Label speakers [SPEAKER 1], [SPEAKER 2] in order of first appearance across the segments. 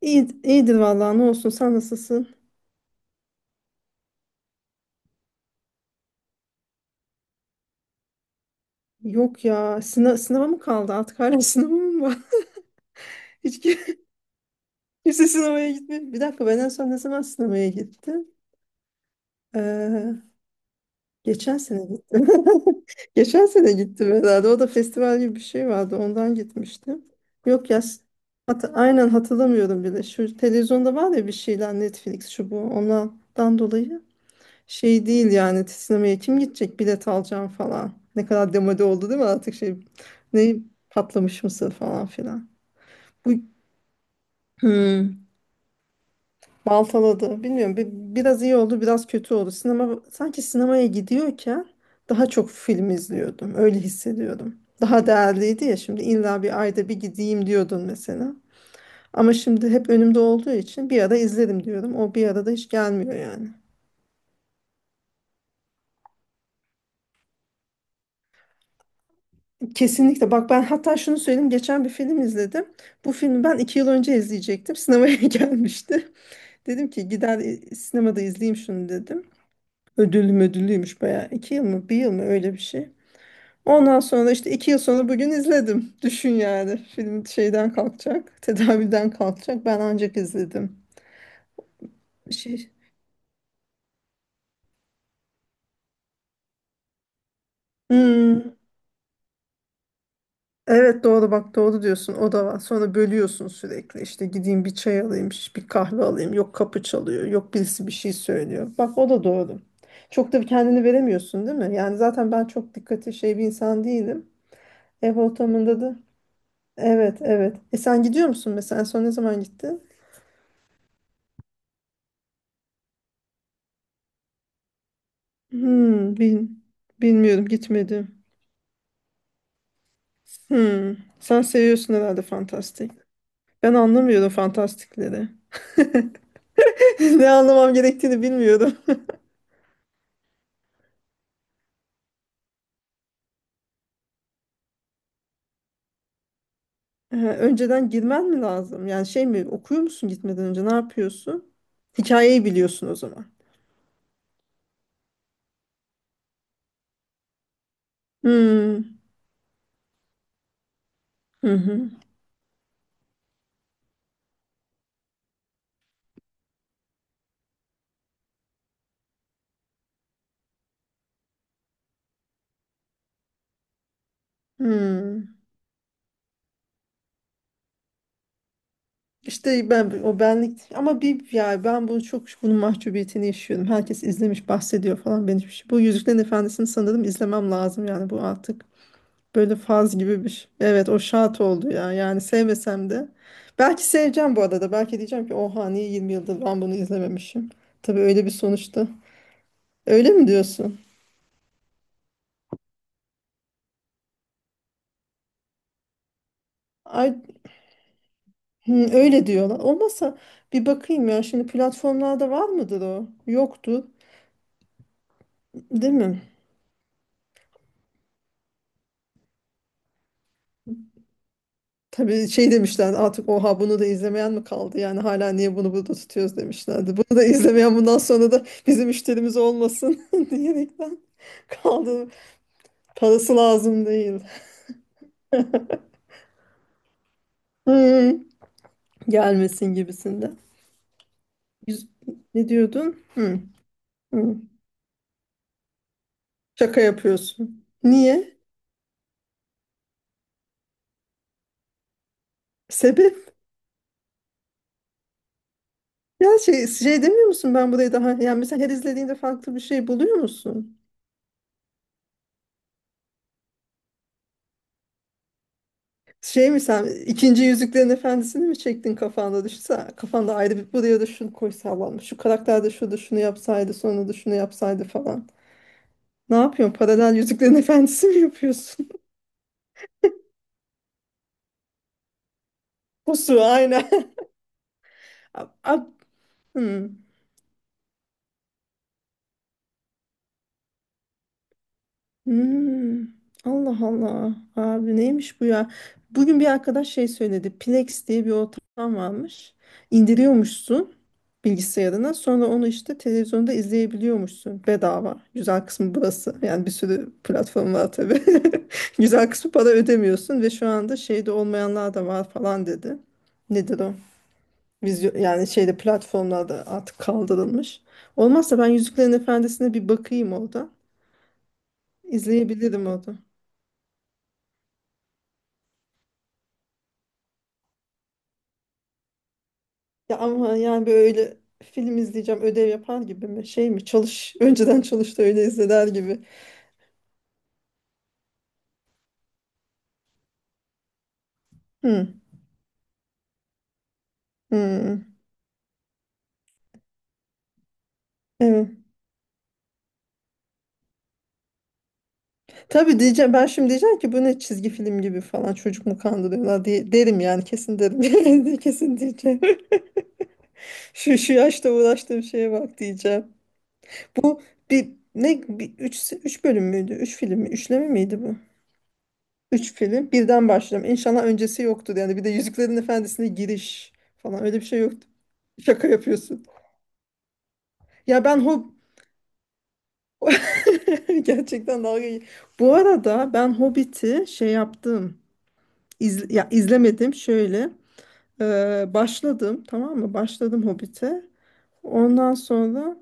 [SPEAKER 1] İyi, iyidir vallahi, ne olsun, sen nasılsın? Yok ya, sınav, sınava mı kaldı artık hala sınavı mı var? Hiç kim- Kimse sınavaya gitmiyor. Bir dakika, ben en son ne zaman sınavaya gittim? Ee, Geçen sene gittim. Geçen sene gittim herhalde. O da festival gibi bir şey vardı, ondan gitmiştim. Yok ya s- hat- Aynen hatırlamıyorum bile. Şu televizyonda var ya bir şeyler, Netflix şu bu, onlardan dolayı. Şey değil yani, sinemaya kim gidecek, bilet alacağım falan. Ne kadar demode oldu değil mi artık, şey, ne, patlamış mısır falan filan. Bu hmm, baltaladı bilmiyorum, biraz iyi oldu, biraz kötü oldu. Sinema sanki, sinemaya gidiyorken daha çok film izliyordum, öyle hissediyordum. Daha değerliydi ya, şimdi illa bir ayda bir gideyim diyordun mesela. Ama şimdi hep önümde olduğu için bir ara izlerim diyorum. O bir arada hiç gelmiyor yani. Kesinlikle. Bak ben hatta şunu söyleyeyim. Geçen bir film izledim. Bu filmi ben iki yıl önce izleyecektim. Sinemaya gelmişti. Dedim ki gider sinemada izleyeyim şunu, dedim. Ödüllüymüş bayağı. İki yıl mı bir yıl mı öyle bir şey. Ondan sonra işte iki yıl sonra bugün izledim. Düşün yani. Film şeyden kalkacak. Tedaviden kalkacak. Ben ancak izledim. Şey. Hmm. Evet doğru, bak doğru diyorsun, o da var. Sonra bölüyorsun sürekli, işte gideyim bir çay alayım, şş, bir kahve alayım, yok kapı çalıyor, yok birisi bir şey söylüyor. Bak o da doğru. Çok da kendini veremiyorsun değil mi? Yani zaten ben çok dikkatli şey bir insan değilim. Ev ortamında da evet, evet. E sen gidiyor musun mesela, en son ne zaman gittin? Hmm, bilmiyorum, gitmedim. Hmm, sen seviyorsun herhalde fantastik. Ben anlamıyorum fantastikleri. Ne anlamam gerektiğini bilmiyorum. Önceden girmen mi lazım? Yani şey mi, okuyor musun gitmeden önce, ne yapıyorsun? Hikayeyi biliyorsun o zaman. Hmm. Hı hı. Hmm. İşte ben o benlik ama, bir ya, ben bunu çok, bunun mahcubiyetini yaşıyorum. Herkes izlemiş bahsediyor falan, ben hiçbir şey. Bu Yüzüklerin Efendisi'ni sanırım izlemem lazım, yani bu artık böyle faz gibi bir şey. Evet o şart oldu ya, yani sevmesem de. Belki seveceğim bu arada, belki diyeceğim ki oha, niye 20 yıldır ben bunu izlememişim. Tabii öyle, bir sonuçta. Öyle mi diyorsun? Ay, hı, öyle diyorlar. Olmazsa bir bakayım ya. Şimdi platformlarda var mıdır o? Yoktu, değil mi? Tabii şey demişler artık, oha bunu da izlemeyen mi kaldı? Yani hala niye bunu burada tutuyoruz demişlerdi. Bunu da izlemeyen bundan sonra da bizim müşterimiz olmasın diyerekten kaldı. Parası lazım değil. Hı, gelmesin gibisinde. Yüz- Ne diyordun? Hı, hı. Şaka yapıyorsun. Niye? Sebep? Ya şey demiyor musun, ben burayı daha, yani mesela her izlediğinde farklı bir şey buluyor musun? Şey mi, sen ikinci Yüzüklerin Efendisi'ni mi çektin kafanda, düşünse kafanda ayrı bir, buraya da şunu koysalarmış, şu karakter de şurada şunu yapsaydı, sonra da şunu yapsaydı falan. Ne yapıyorsun, paralel Yüzüklerin Efendisi mi yapıyorsun? Bu su aynen. A- a- hmm. Hmm. Allah Allah abi, neymiş bu ya? Bugün bir arkadaş şey söyledi, Plex diye bir ortam varmış. İndiriyormuşsun bilgisayarına. Sonra onu işte televizyonda izleyebiliyormuşsun, bedava. Güzel kısmı burası. Yani bir sürü platform var tabii. Güzel kısmı para ödemiyorsun, ve şu anda şeyde olmayanlar da var falan dedi. Nedir o? Vizyo, yani şeyde, platformlarda artık kaldırılmış. Olmazsa ben Yüzüklerin Efendisi'ne bir bakayım orada. İzleyebilirim orada. Ya ama yani, böyle film izleyeceğim, ödev yapar gibi mi? Şey mi? Çalış. Önceden çalış da öyle izler gibi. Hı. Hı. Evet. Tabii diyeceğim, ben şimdi diyeceğim ki bu ne, çizgi film gibi falan, çocuk mu kandırıyorlar diye derim yani, kesin derim kesin diyeceğim. Şu şu yaşta uğraştığım şeye bak diyeceğim. Bu bir ne bir, üç, üç bölüm müydü? Üç film mi? Üçleme miydi bu? Üç film. Birden başlayacağım. İnşallah öncesi yoktur yani. Bir de Yüzüklerin Efendisi'ne giriş falan öyle bir şey yoktu. Şaka yapıyorsun. Ya ben Hob gerçekten dalga geç- Bu arada ben Hobbit'i şey yaptım. Ya izlemedim şöyle. Başladım, tamam mı? Başladım Hobbit'e. Ondan sonra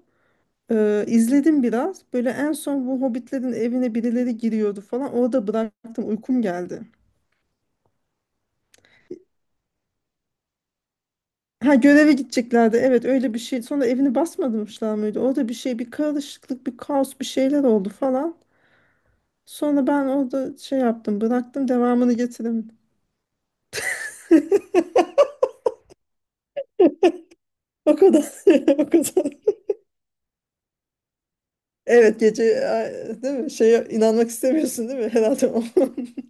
[SPEAKER 1] izledim biraz. Böyle en son bu Hobbitlerin evine birileri giriyordu falan. Orada bıraktım. Uykum geldi. Ha göreve gideceklerdi. Evet öyle bir şey. Sonra evini basmadımışlar mıydı? Orada bir şey, bir karışıklık, bir kaos, bir şeyler oldu falan. Sonra ben orada şey yaptım, bıraktım, devamını getiremedim. O kadar. O kadar. Evet gece ay, değil mi? Şeye inanmak istemiyorsun değil mi? Herhalde o.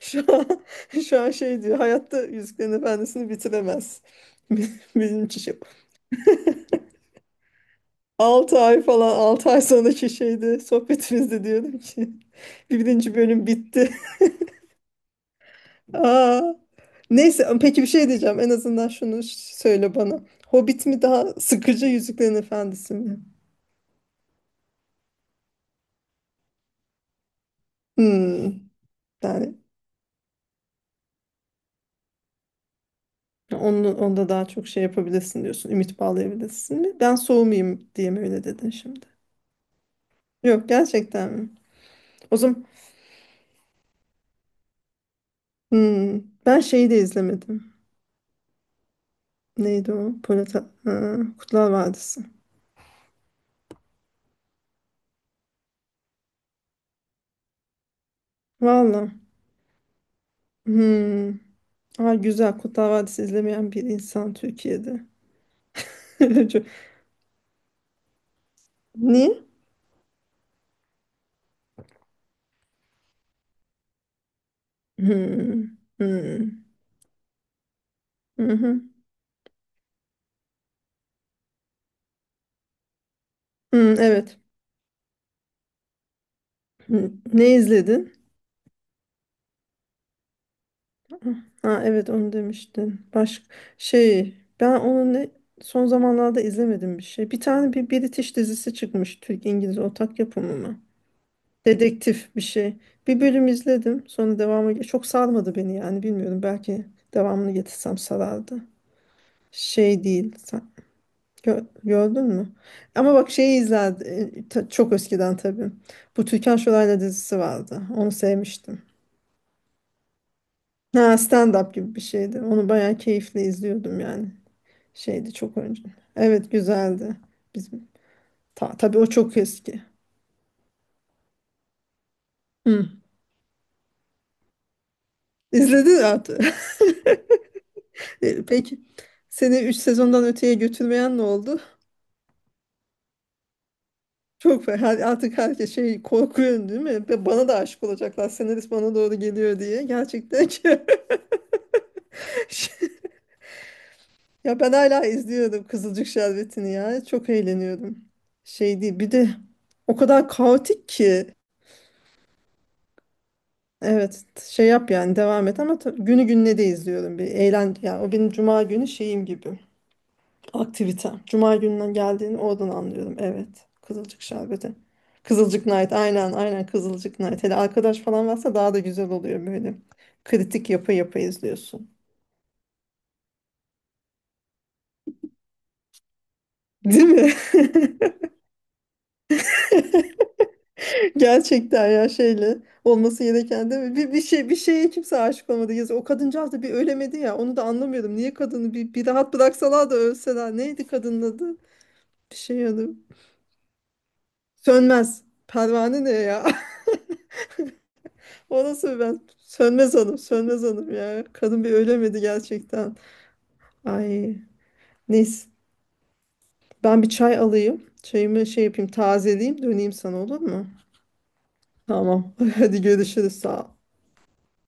[SPEAKER 1] Şu an, şu an şey diyor. Hayatta Yüzüklerin Efendisi'ni bitiremez. Benim için şey. Ay falan, 6 ay sonraki şeyde, sohbetimizde diyordum ki birinci bölüm bitti. Aa. Neyse, peki bir şey diyeceğim. En azından şunu söyle bana. Hobbit mi daha sıkıcı, Yüzüklerin Efendisi mi? Hmm. Yani onda daha çok şey yapabilirsin diyorsun. Ümit bağlayabilirsin mi? Ben soğumayayım diye mi öyle dedin şimdi? Yok, gerçekten mi? O zaman hmm, ben şeyi de izlemedim. Neydi o? Polat, ha, Kurtlar Vadisi. Valla. Hmm. Aa, güzel. Kurtlar Vadisi izlemeyen bir insan Türkiye'de. Çok- Niye? Hmm. Hmm. Hı hı. Hmm, evet. Hmm, ne izledin? Ha, evet onu demiştin. Başka şey. Ben onu ne Son zamanlarda izlemedim bir şey. Bir tane bir British dizisi çıkmış. Türk-İngiliz ortak yapımı mı? Dedektif bir şey. Bir bölüm izledim. Sonra devamı çok sarmadı beni, yani bilmiyorum. Belki devamını getirsem sarardı. Şey değil. Sen gördün mü? Ama bak şeyi izlerdim. Çok eskiden tabii. Bu Türkan Şoray'la dizisi vardı. Onu sevmiştim. Ha, stand-up gibi bir şeydi. Onu bayağı keyifle izliyordum yani. Şeydi çok önce. Evet güzeldi. Bizim tabii o çok eski. Hı. İzledin artık. E, peki. Seni 3 sezondan öteye götürmeyen ne oldu? Her, artık herkes şey, korkuyor değil mi? Ve bana da aşık olacaklar. Senarist bana doğru geliyor diye. Gerçekten ki. Ya ben hala izliyorum Kızılcık Şerbeti'ni ya. Çok eğleniyorum. Şey değil. Bir de o kadar kaotik ki. Evet şey yap yani, devam et, ama günü gününe de izliyorum. Bir eğlen ya, o benim cuma günü şeyim gibi. Aktivite. Cuma gününden geldiğini oradan anlıyorum. Evet. Kızılcık şerbeti. Kızılcık Night. Aynen, aynen, Kızılcık Night. Hele arkadaş falan varsa daha da güzel oluyor böyle. Kritik yapı yapı izliyorsun. Değil mi? Gerçekten ya, şeyle olması gereken değil mi? Bir şey, bir şeye kimse aşık olmadı. Yazı. O kadıncağız da bir ölemedi ya. Onu da anlamıyorum. Niye kadını bir rahat bıraksalar da ölseler. Neydi kadının adı? Bir şey adı. Sönmez. Pervane ne ya? O nasıl ben? Sönmez hanım, sönmez hanım ya. Kadın bir ölemedi gerçekten. Ay neyse. Ben bir çay alayım. Çayımı şey yapayım, tazeleyeyim, döneyim sana, olur mu? Tamam. Hadi görüşürüz. Sağ ol.